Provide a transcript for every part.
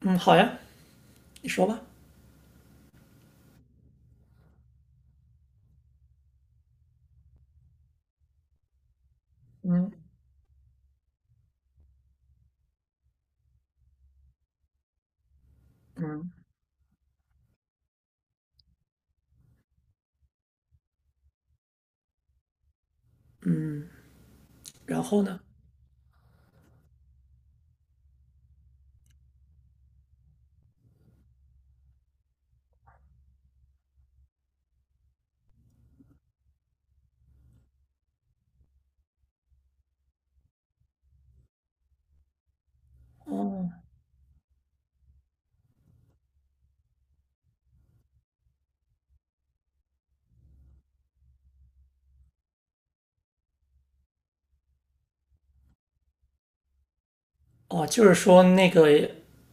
嗯，好呀，你说吧。嗯嗯嗯，然后呢？哦哦，就是说那个，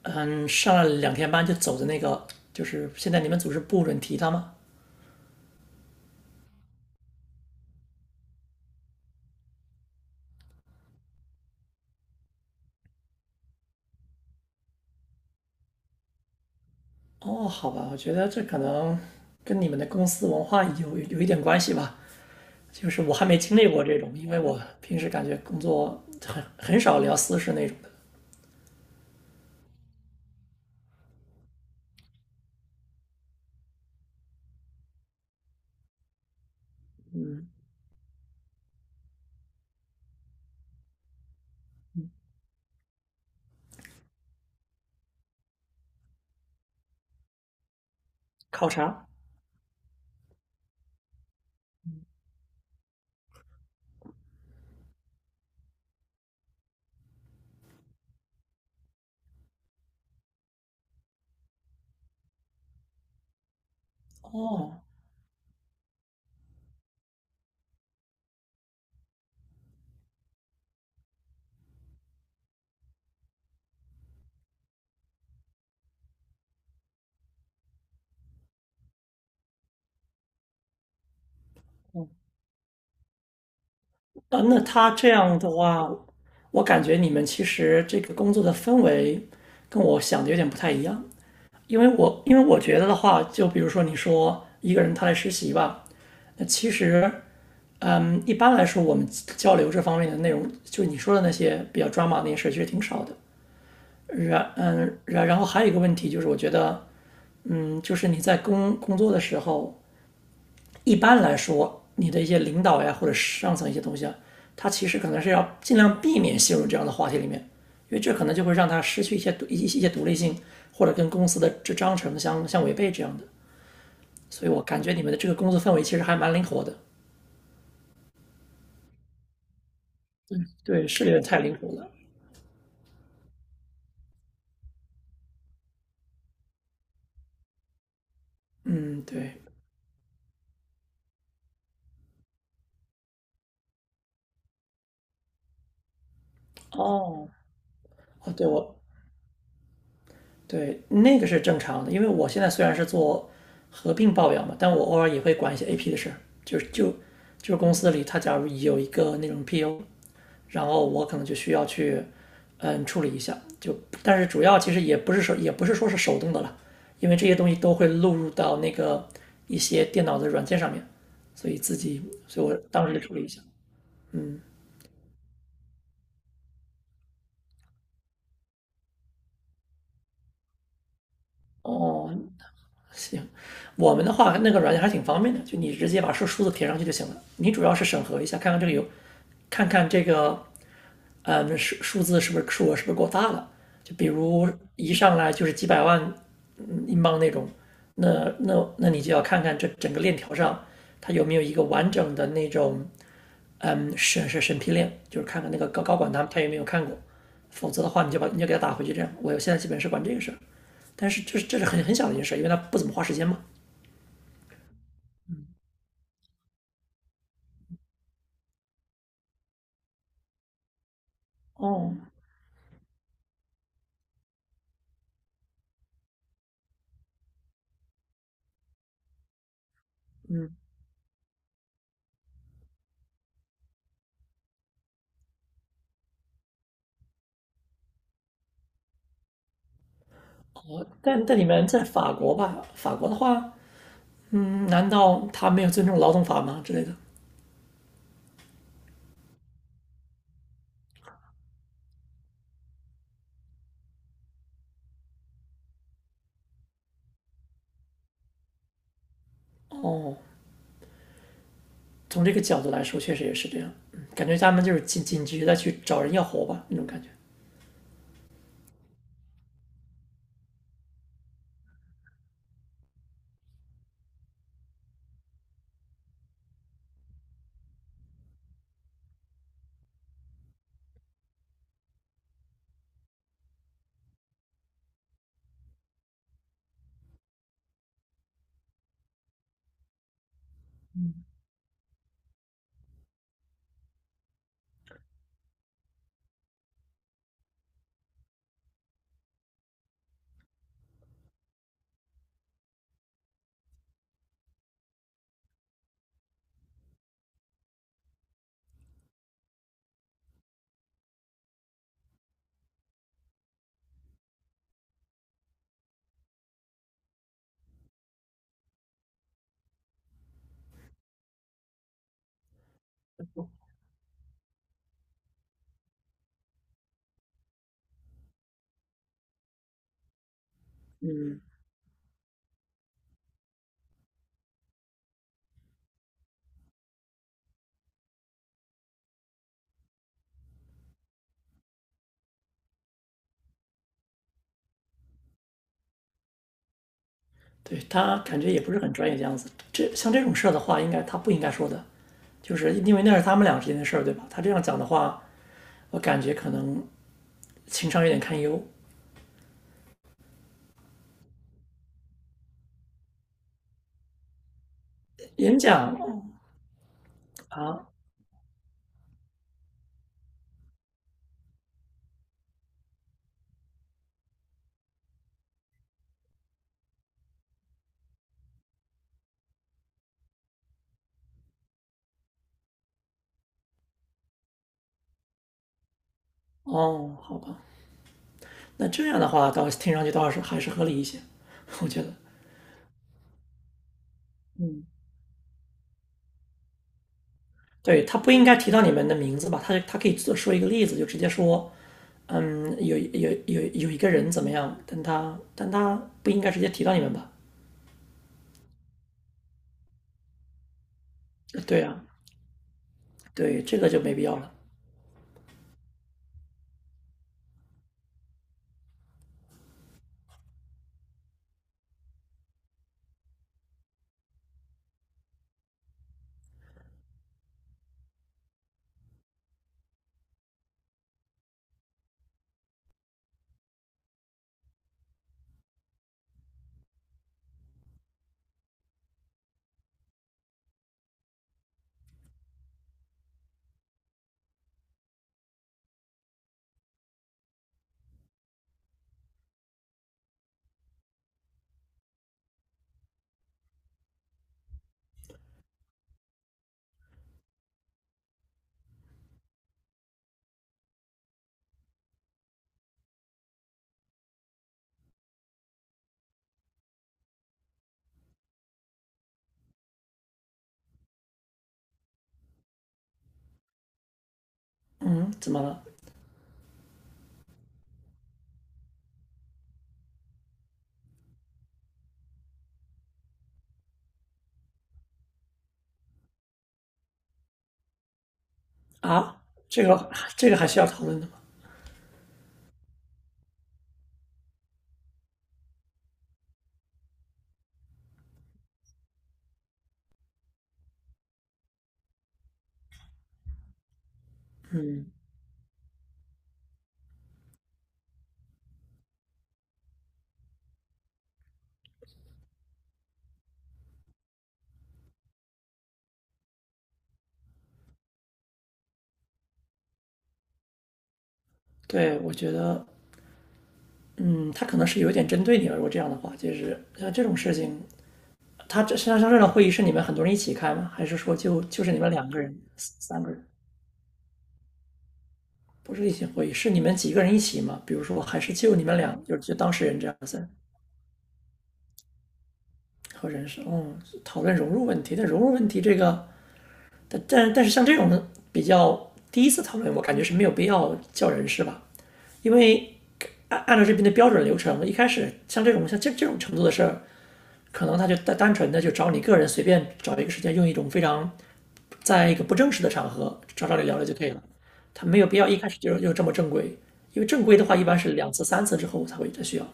上了2天班就走的那个，就是现在你们组织不准提他吗？哦，好吧，我觉得这可能跟你们的公司文化有一点关系吧。就是我还没经历过这种，因为我平时感觉工作很少聊私事那种的。考察？哦啊，那他这样的话，我感觉你们其实这个工作的氛围跟我想的有点不太一样，因为我觉得的话，就比如说你说一个人他来实习吧，那其实，一般来说我们交流这方面的内容，就你说的那些比较抓马那些事儿，其实挺少的。然嗯，然然后还有一个问题就是，我觉得，就是你在工作的时候，一般来说，你的一些领导呀，或者上层一些东西啊，他其实可能是要尽量避免陷入这样的话题里面，因为这可能就会让他失去一些独立性，或者跟公司的这章程相违背这样的。所以我感觉你们的这个工作氛围其实还蛮灵活的。对，是有点太灵活了。嗯，对，哦，哦，对，那个是正常的，因为我现在虽然是做合并报表嘛，但我偶尔也会管一些 AP 的事。就是就就是公司里他假如有一个那种 PO，然后我可能就需要去处理一下，就但是主要其实也不是说是手动的了，因为这些东西都会录入到那个一些电脑的软件上面，所以自己所以我当时就处理一下，嗯，哦，行。我们的话那个软件还挺方便的，就你直接把数字填上去就行了。你主要是审核一下，看看这个有，看看这个，数额是不是够大了？就比如一上来就是几百万英镑那种，那你就要看看这整个链条上它有没有一个完整的那种审批链，就是看看那个高管他有没有看过，否则的话你就给他打回去这样。我现在基本是管这个事儿，但是这是很小的一件事，因为他不怎么花时间嘛。哦，嗯，但你们在法国吧？法国的话，难道他没有尊重劳动法吗之类的？哦，从这个角度来说，确实也是这样。嗯，感觉他们就是紧急的去找人要活吧，那种感觉。嗯，对，他感觉也不是很专业的样子。这像这种事儿的话，应该他不应该说的，就是因为那是他们俩之间的事儿，对吧？他这样讲的话，我感觉可能情商有点堪忧。演讲啊，哦，好吧。那这样的话，倒听上去倒是还是合理一些，我觉得。对他不应该提到你们的名字吧？他可以做说一个例子，就直接说，有一个人怎么样？但他不应该直接提到你们吧？对啊，对，这个就没必要了。嗯，怎么了？啊，这个这个还需要讨论的吗？对，我觉得，嗯，他可能是有点针对你了。如果这样的话，就是像这种事情，他这像这种会议是你们很多人一起开吗？还是说就是你们2个人、3个人？不是例行会议，是你们几个人一起嘛？比如说，还是就你们俩，就是就当事人这样子，和人事，讨论融入问题。但融入问题这个，但是像这种比较第一次讨论，我感觉是没有必要叫人事吧，因为按照这边的标准流程，一开始像这种程度的事儿，可能他就单纯的就找你个人随便找一个时间，用一种非常在一个不正式的场合找找你聊聊就可以了，他没有必要一开始就这么正规，因为正规的话一般是2次3次之后才会再需要，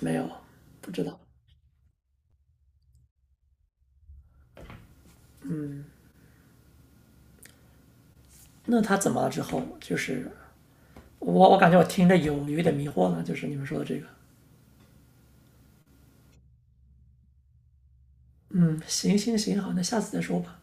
没有不知道。那他怎么了之后，就是我感觉我听着有一点迷惑了，就是你们说的这个，嗯，行行行，好，那下次再说吧。